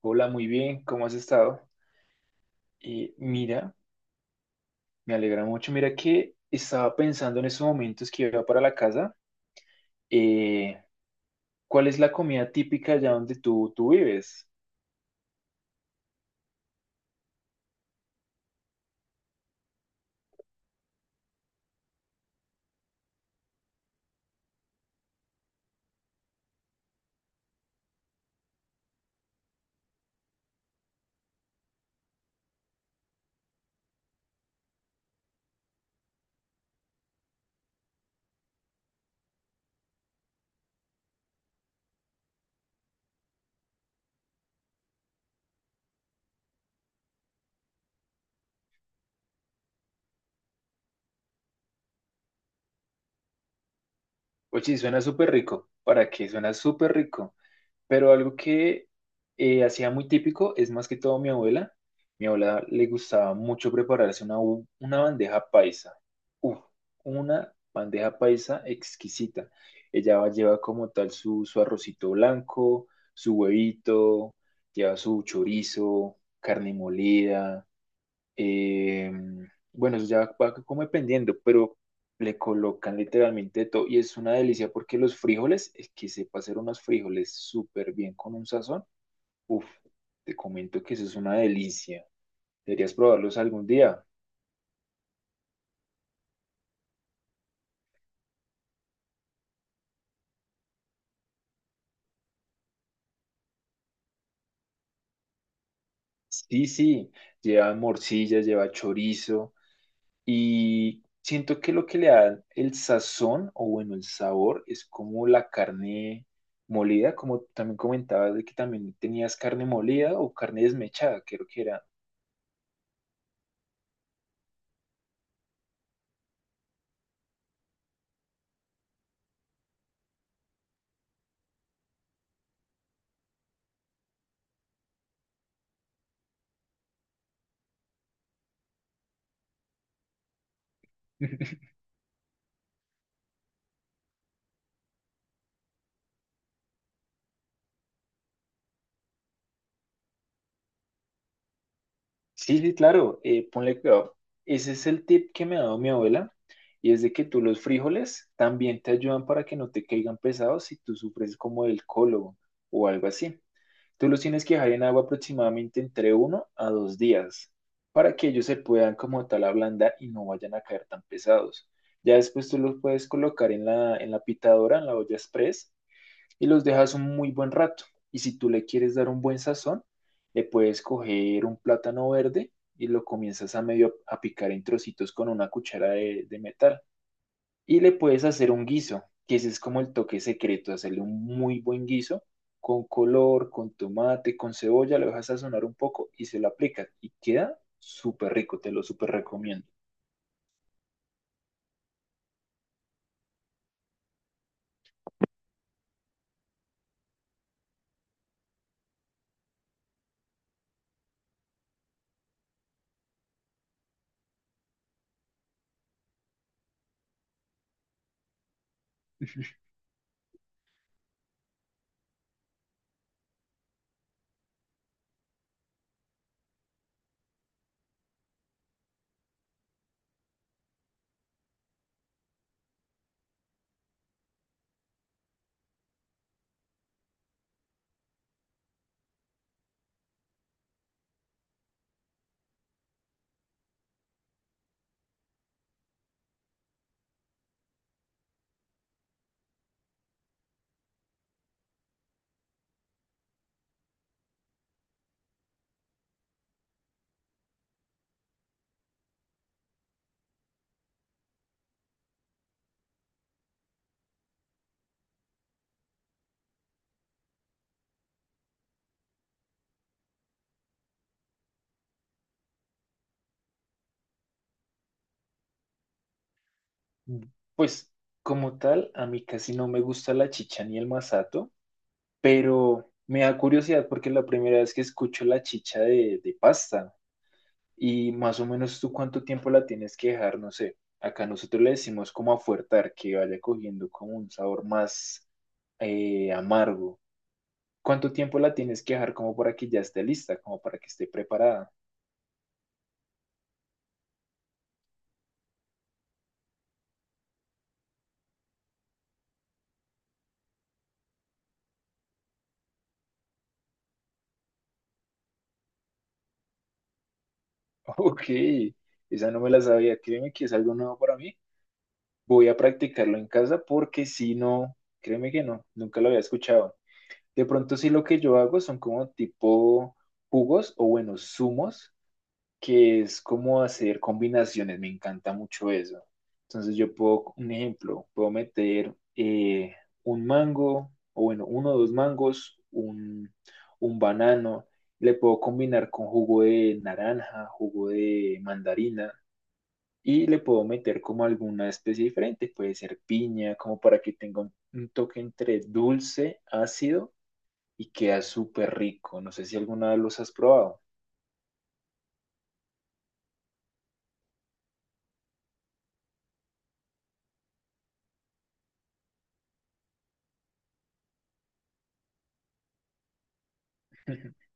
Hola, muy bien, ¿cómo has estado? Mira, me alegra mucho. Mira que estaba pensando en esos momentos que iba para la casa. eh, ¿Cuál es la comida típica allá donde tú vives? Oye, suena súper rico. ¿Para qué? Suena súper rico. Pero algo que hacía muy típico es más que todo mi abuela. Mi abuela le gustaba mucho prepararse una bandeja paisa. Uf, una bandeja paisa exquisita. Ella lleva como tal su arrocito blanco, su huevito, lleva su chorizo, carne molida. Eh, bueno, eso ya va como dependiendo, pero le colocan literalmente de todo y es una delicia porque los frijoles, es que sepa hacer unos frijoles súper bien con un sazón. Uf, te comento que eso es una delicia. Deberías probarlos algún día. Sí, sí, lleva morcilla, lleva chorizo. Y siento que lo que le da el sazón o bueno, el sabor es como la carne molida, como también comentabas de que también tenías carne molida o carne desmechada, creo que era. Sí, sí, claro, ponle cuidado. Ese es el tip que me ha dado mi abuela y es de que tú los frijoles también te ayudan para que no te caigan pesados si tú sufres como del colon o algo así. Tú los tienes que dejar en agua aproximadamente entre 1 a 2 días para que ellos se puedan como tal ablandar y no vayan a caer tan pesados. Ya después tú los puedes colocar en la pitadora, en la olla express, y los dejas un muy buen rato. Y si tú le quieres dar un buen sazón, le puedes coger un plátano verde y lo comienzas a medio a picar en trocitos con una cuchara de metal y le puedes hacer un guiso, que ese es como el toque secreto, hacerle un muy buen guiso con color, con tomate, con cebolla, lo dejas sazonar un poco y se lo aplicas y queda súper rico, te lo súper recomiendo. Mm. Pues como tal, a mí casi no me gusta la chicha ni el masato, pero me da curiosidad porque es la primera vez que escucho la chicha de pasta. Y más o menos tú cuánto tiempo la tienes que dejar, no sé. Acá nosotros le decimos como afuertar, que vaya cogiendo como un sabor más amargo. ¿Cuánto tiempo la tienes que dejar como para que ya esté lista, como para que esté preparada? Ok, esa no me la sabía. Créeme que es algo nuevo para mí. Voy a practicarlo en casa porque si no, créeme que no, nunca lo había escuchado. De pronto sí lo que yo hago son como tipo jugos o bueno, zumos, que es como hacer combinaciones, me encanta mucho eso. Entonces yo puedo, un ejemplo, puedo meter un mango, o bueno, 1 o 2 mangos, un banano, le puedo combinar con jugo de naranja, jugo de mandarina, y le puedo meter como alguna especie diferente, puede ser piña, como para que tenga un toque entre dulce, ácido, y queda súper rico. No sé si alguna vez los has probado.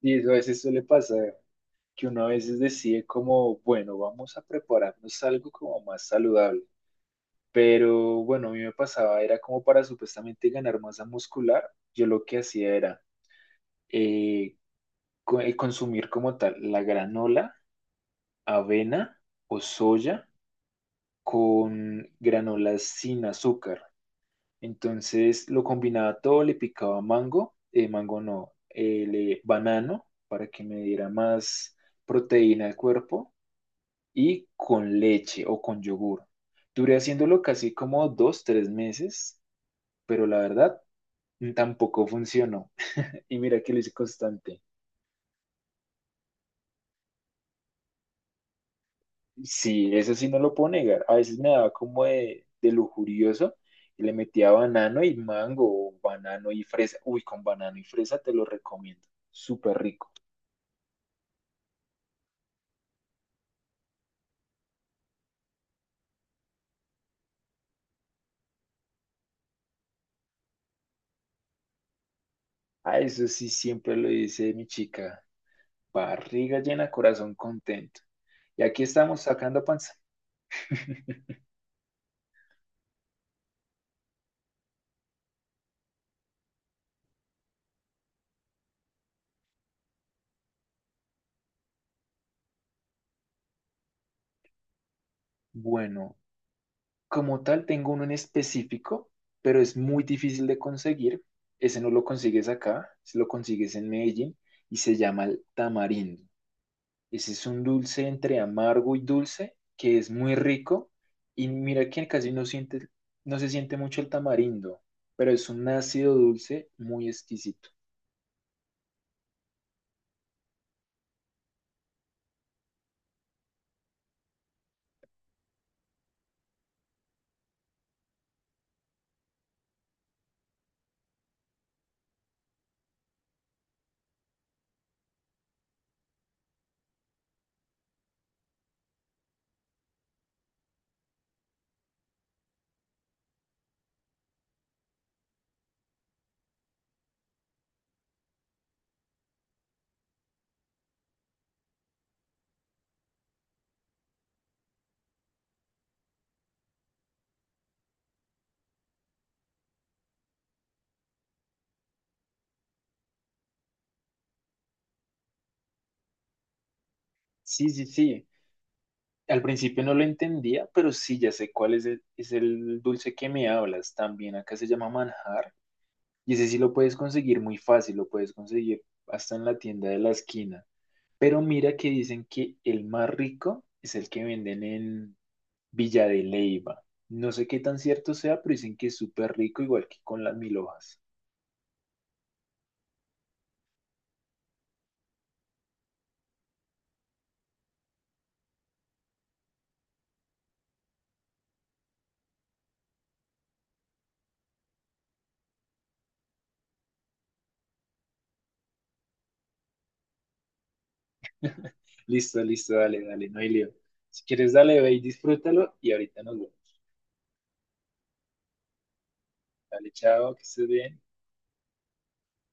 Y eso a veces suele pasar, que uno a veces decide como, bueno, vamos a prepararnos algo como más saludable. Pero bueno, a mí me pasaba, era como para supuestamente ganar masa muscular, yo lo que hacía era eh, consumir como tal la granola, avena o soya con granolas sin azúcar. Entonces lo combinaba todo, le picaba mango, mango no, banano para que me diera más proteína al cuerpo y con leche o con yogur. Duré haciéndolo casi como 2, 3 meses, pero la verdad tampoco funcionó. Y mira que lo hice constante. Sí, eso sí no lo puedo negar. A veces me daba como de lujurioso y le metía banano y mango o banano y fresa. Uy, con banano y fresa te lo recomiendo. Súper rico. A eso sí siempre lo dice mi chica. Barriga llena, corazón contento. Y aquí estamos sacando panza. Bueno, como tal, tengo uno en específico, pero es muy difícil de conseguir. Ese no lo consigues acá, si lo consigues en Medellín, y se llama el tamarindo. Ese es un dulce entre amargo y dulce que es muy rico y mira que casi no siente, no se siente mucho el tamarindo, pero es un ácido dulce muy exquisito. Sí, sí, sí. Al principio no lo entendía, pero sí, ya sé cuál es el dulce que me hablas. También acá se llama manjar. Y ese sí lo puedes conseguir muy fácil, lo puedes conseguir hasta en la tienda de la esquina. Pero mira que dicen que el más rico es el que venden en Villa de Leyva. No sé qué tan cierto sea, pero dicen que es súper rico, igual que con las mil hojas. Listo, listo, dale, dale, no hay lío. Si quieres, dale, ve y disfrútalo y ahorita nos vemos. Dale, chao, que estés bien.